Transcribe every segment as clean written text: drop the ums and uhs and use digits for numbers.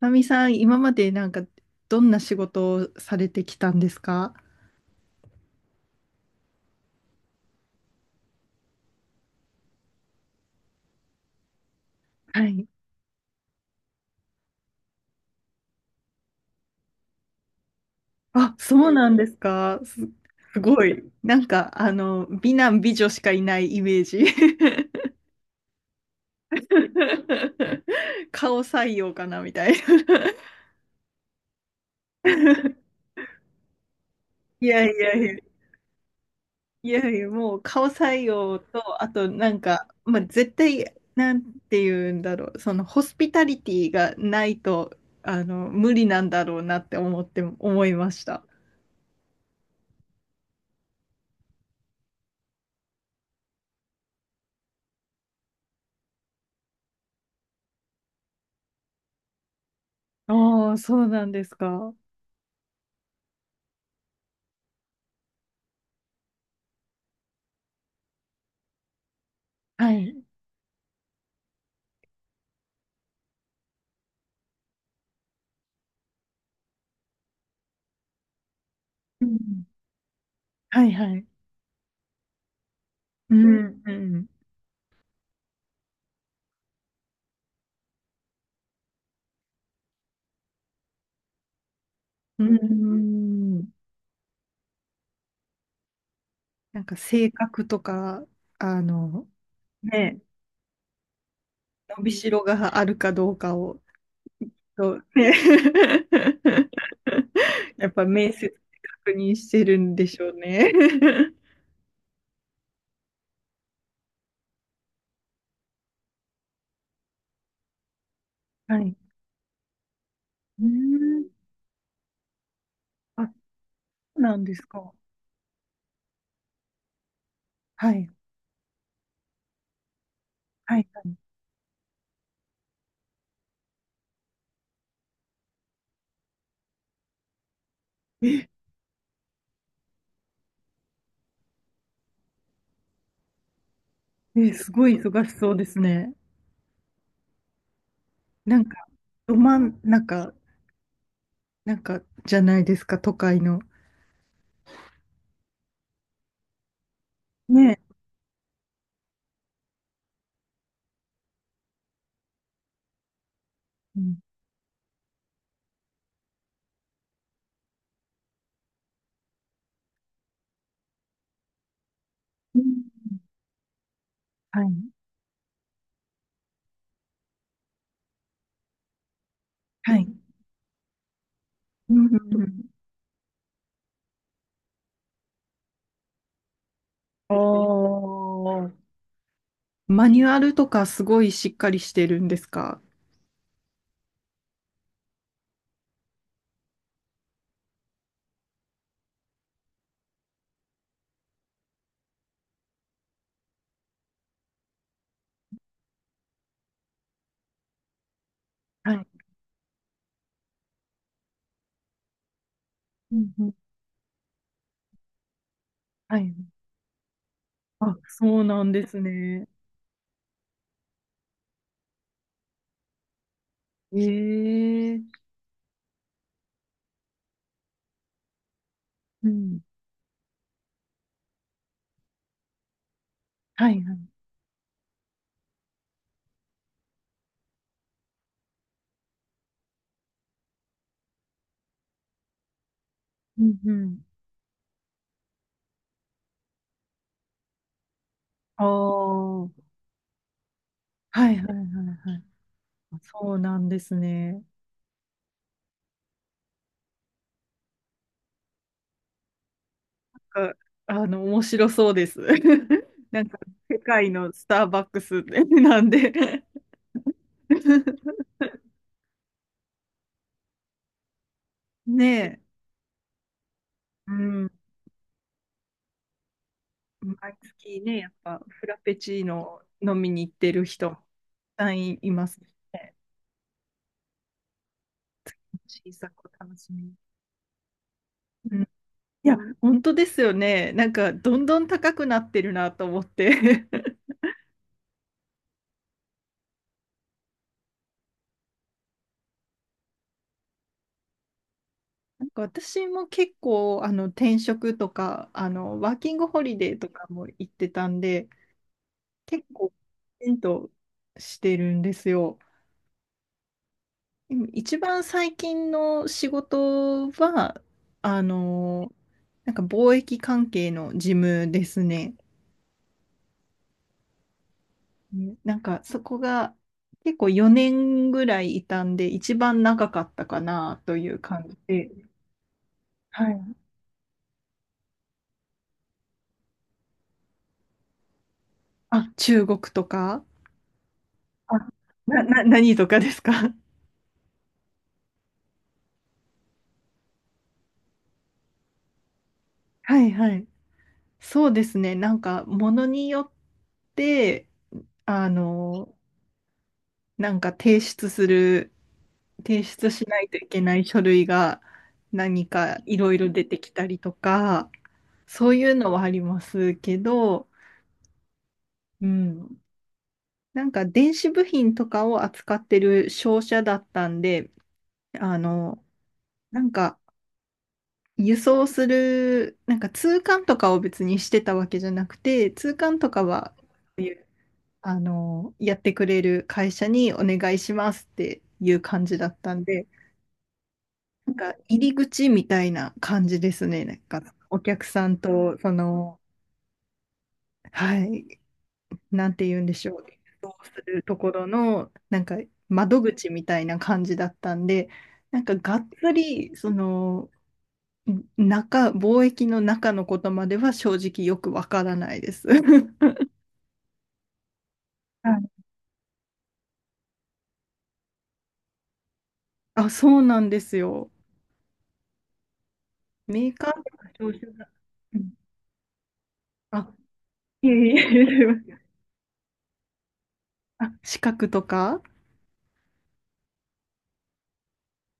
まみさん、今までなんか、どんな仕事をされてきたんですか？はい。あ、そうなんですか。すごい。なんか、あの、美男美女しかいないイメージ。顔採用かなみたいな。いやいやいや、いやいや、もう顔採用と、あとなんか、まあ、絶対、なんて言うんだろう、そのホスピタリティがないと、あの、無理なんだろうなって思って、思いました。ああ、そうなんですか。はい。うん。はいはい。うん、うん。うん。なんか性格とか、あの、ね、伸びしろがあるかどうかを、と、ね、やっぱ面接で確認してるんでしょうね。はい。うん。あ、そうなんですか。はい。はいはい。すごい忙しそうですね。なんか、ど真ん中なんか、じゃないですか、都会の。ね。うん。うん。はい。はい。うんうんうん。おー。マニュアルとかすごいしっかりしてるんですか？はい。うんうん。はい。あ、そうなんですね。ええ。うん。はいはい。うんうん。ああ。はいはいはいはい。そうなんですね。あ、あの、面白そうです。なんか、世界のスターバックス なんで。ねえ、うん。毎月ね、やっぱフラペチーノ飲みに行ってる人もたくさんいますね。小さく楽しみに。うん、いや、本当ですよね。なんか、どんどん高くなってるなと思って。なんか私も結構、あの、転職とか、あの、ワーキングホリデーとかも行ってたんで、結構、きちんとしてるんですよ。でも一番最近の仕事は、あの、なんか貿易関係の事務ですね。ね、なんかそこが結構4年ぐらいいたんで、一番長かったかなという感じで。はい。あ、中国とか、あ、何とかですか？ はいはい。そうですね。なんかものによって、あの、なんか提出しないといけない書類が何かいろいろ出てきたりとか、そういうのはありますけど、うん。なんか電子部品とかを扱ってる商社だったんで、あの、なんか輸送する、なんか通関とかを別にしてたわけじゃなくて、通関とかは、あの、やってくれる会社にお願いしますっていう感じだったんで、なんか入り口みたいな感じですね。なんかお客さんと、その、はい、なんて言うんでしょう、するところの、なんか窓口みたいな感じだったんで、なんかがっつり、その、中、貿易の中のことまでは正直よくわからないです。はい、あ、そうなんですよ。メーカーとか商社が、うん、あ、いえいえ、すいません、あ、資格とか、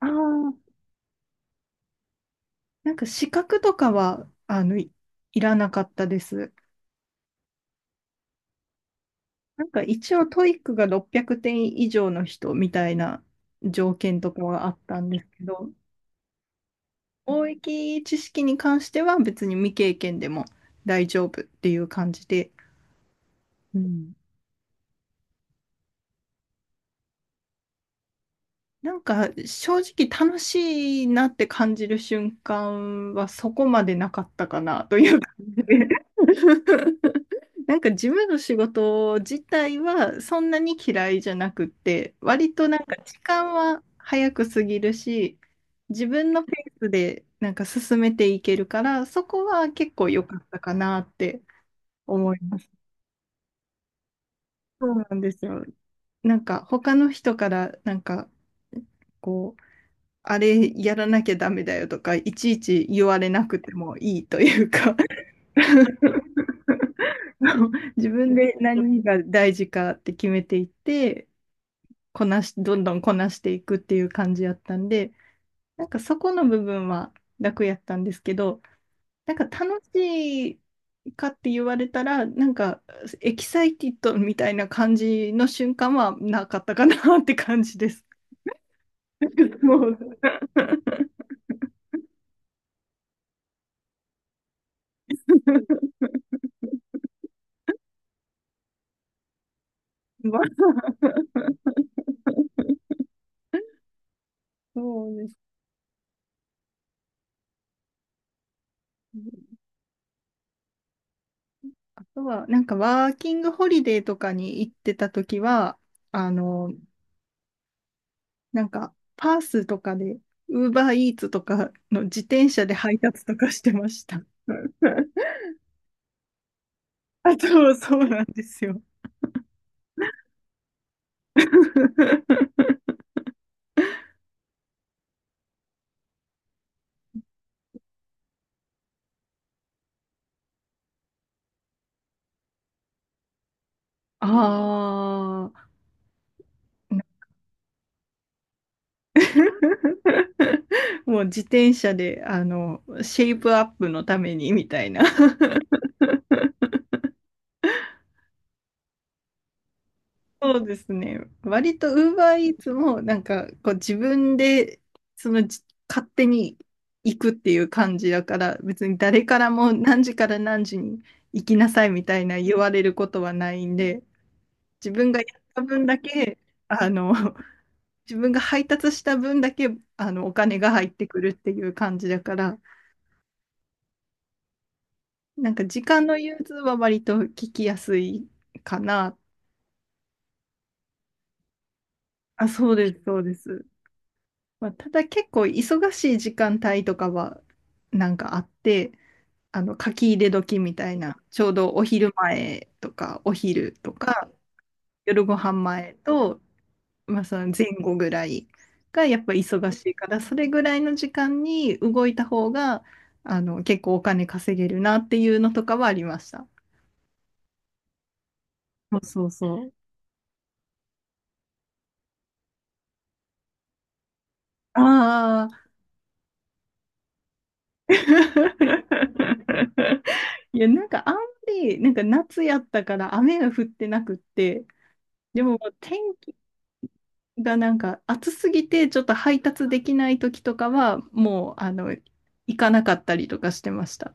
ああー、なんか資格とかは、あの、いらなかったです。なんか一応トイックが600点以上の人みたいな条件とかはあったんですけど、貿易知識に関しては別に未経験でも大丈夫っていう感じで、うん、なんか正直楽しいなって感じる瞬間はそこまでなかったかなという感じで。 なんか事務の仕事自体はそんなに嫌いじゃなくって、割となんか時間は早く過ぎるし、自分のペースでなんか進めていけるから、そこは結構良かったかなって思います。そうなんですよ。なんか他の人からなんかこう、あれやらなきゃダメだよとか、いちいち言われなくてもいいというか。 自分で何が大事かって決めていって、こなし、どんどんこなしていくっていう感じやったんで、なんかそこの部分は楽やったんですけど、なんか楽しいかって言われたら、なんかエキサイティッドみたいな感じの瞬間はなかったかなって感じです。もう。 まあ、そうですね。あとは、なんかワーキングホリデーとかに行ってた時は、あの、なんか、パースとかで、ウーバーイーツとかの自転車で配達とかしてました。あと、そうなんですよ。ああ。もう自転車で、あの、シェイプアップのためにみたいな。そうですね。割と UberEats もなんかこう自分でそのじ勝手に行くっていう感じだから、別に誰からも何時から何時に行きなさいみたいな言われることはないんで、自分がやった分だけあの。 自分が配達した分だけあのお金が入ってくるっていう感じだから、なんか時間の融通は割と聞きやすいかな。あ、そうです、そうです。まあ、ただ結構忙しい時間帯とかはなんかあって、あの書き入れ時みたいな、ちょうどお昼前とかお昼とか夜ご飯前と、まあ、その前後ぐらいがやっぱ忙しいから、それぐらいの時間に動いた方があの結構お金稼げるなっていうのとかはありました。そうそうそう。ああ。いや、なんかあんまり、なんか夏やったから雨が降ってなくって、でももう天気がなんか暑すぎてちょっと配達できない時とかはもうあの行かなかったりとかしてました。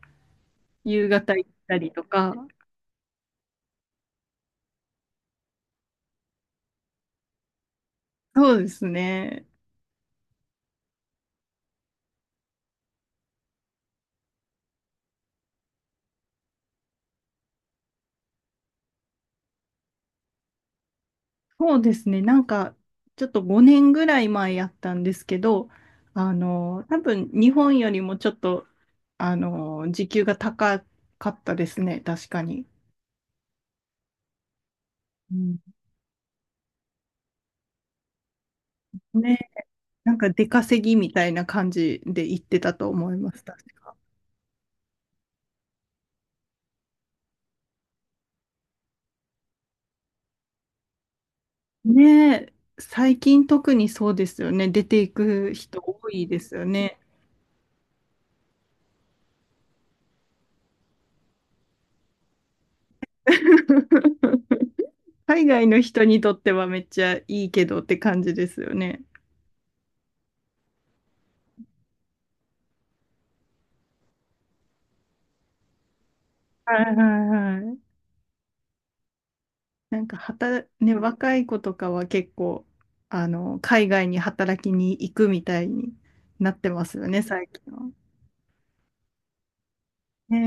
夕方行ったりとか。そうですね。そうですね。なんかちょっと5年ぐらい前やったんですけど、あの多分日本よりもちょっとあの時給が高かったですね。確かに。うん、ね。なんか出稼ぎみたいな感じで行ってたと思います。確か。ねえ、最近特にそうですよね。出ていく人多いですよね。海外の人にとってはめっちゃいいけどって感じですよね。はいはいはい。なんか働、ね、若い子とかは結構、あの、海外に働きに行くみたいになってますよね、最近は。ね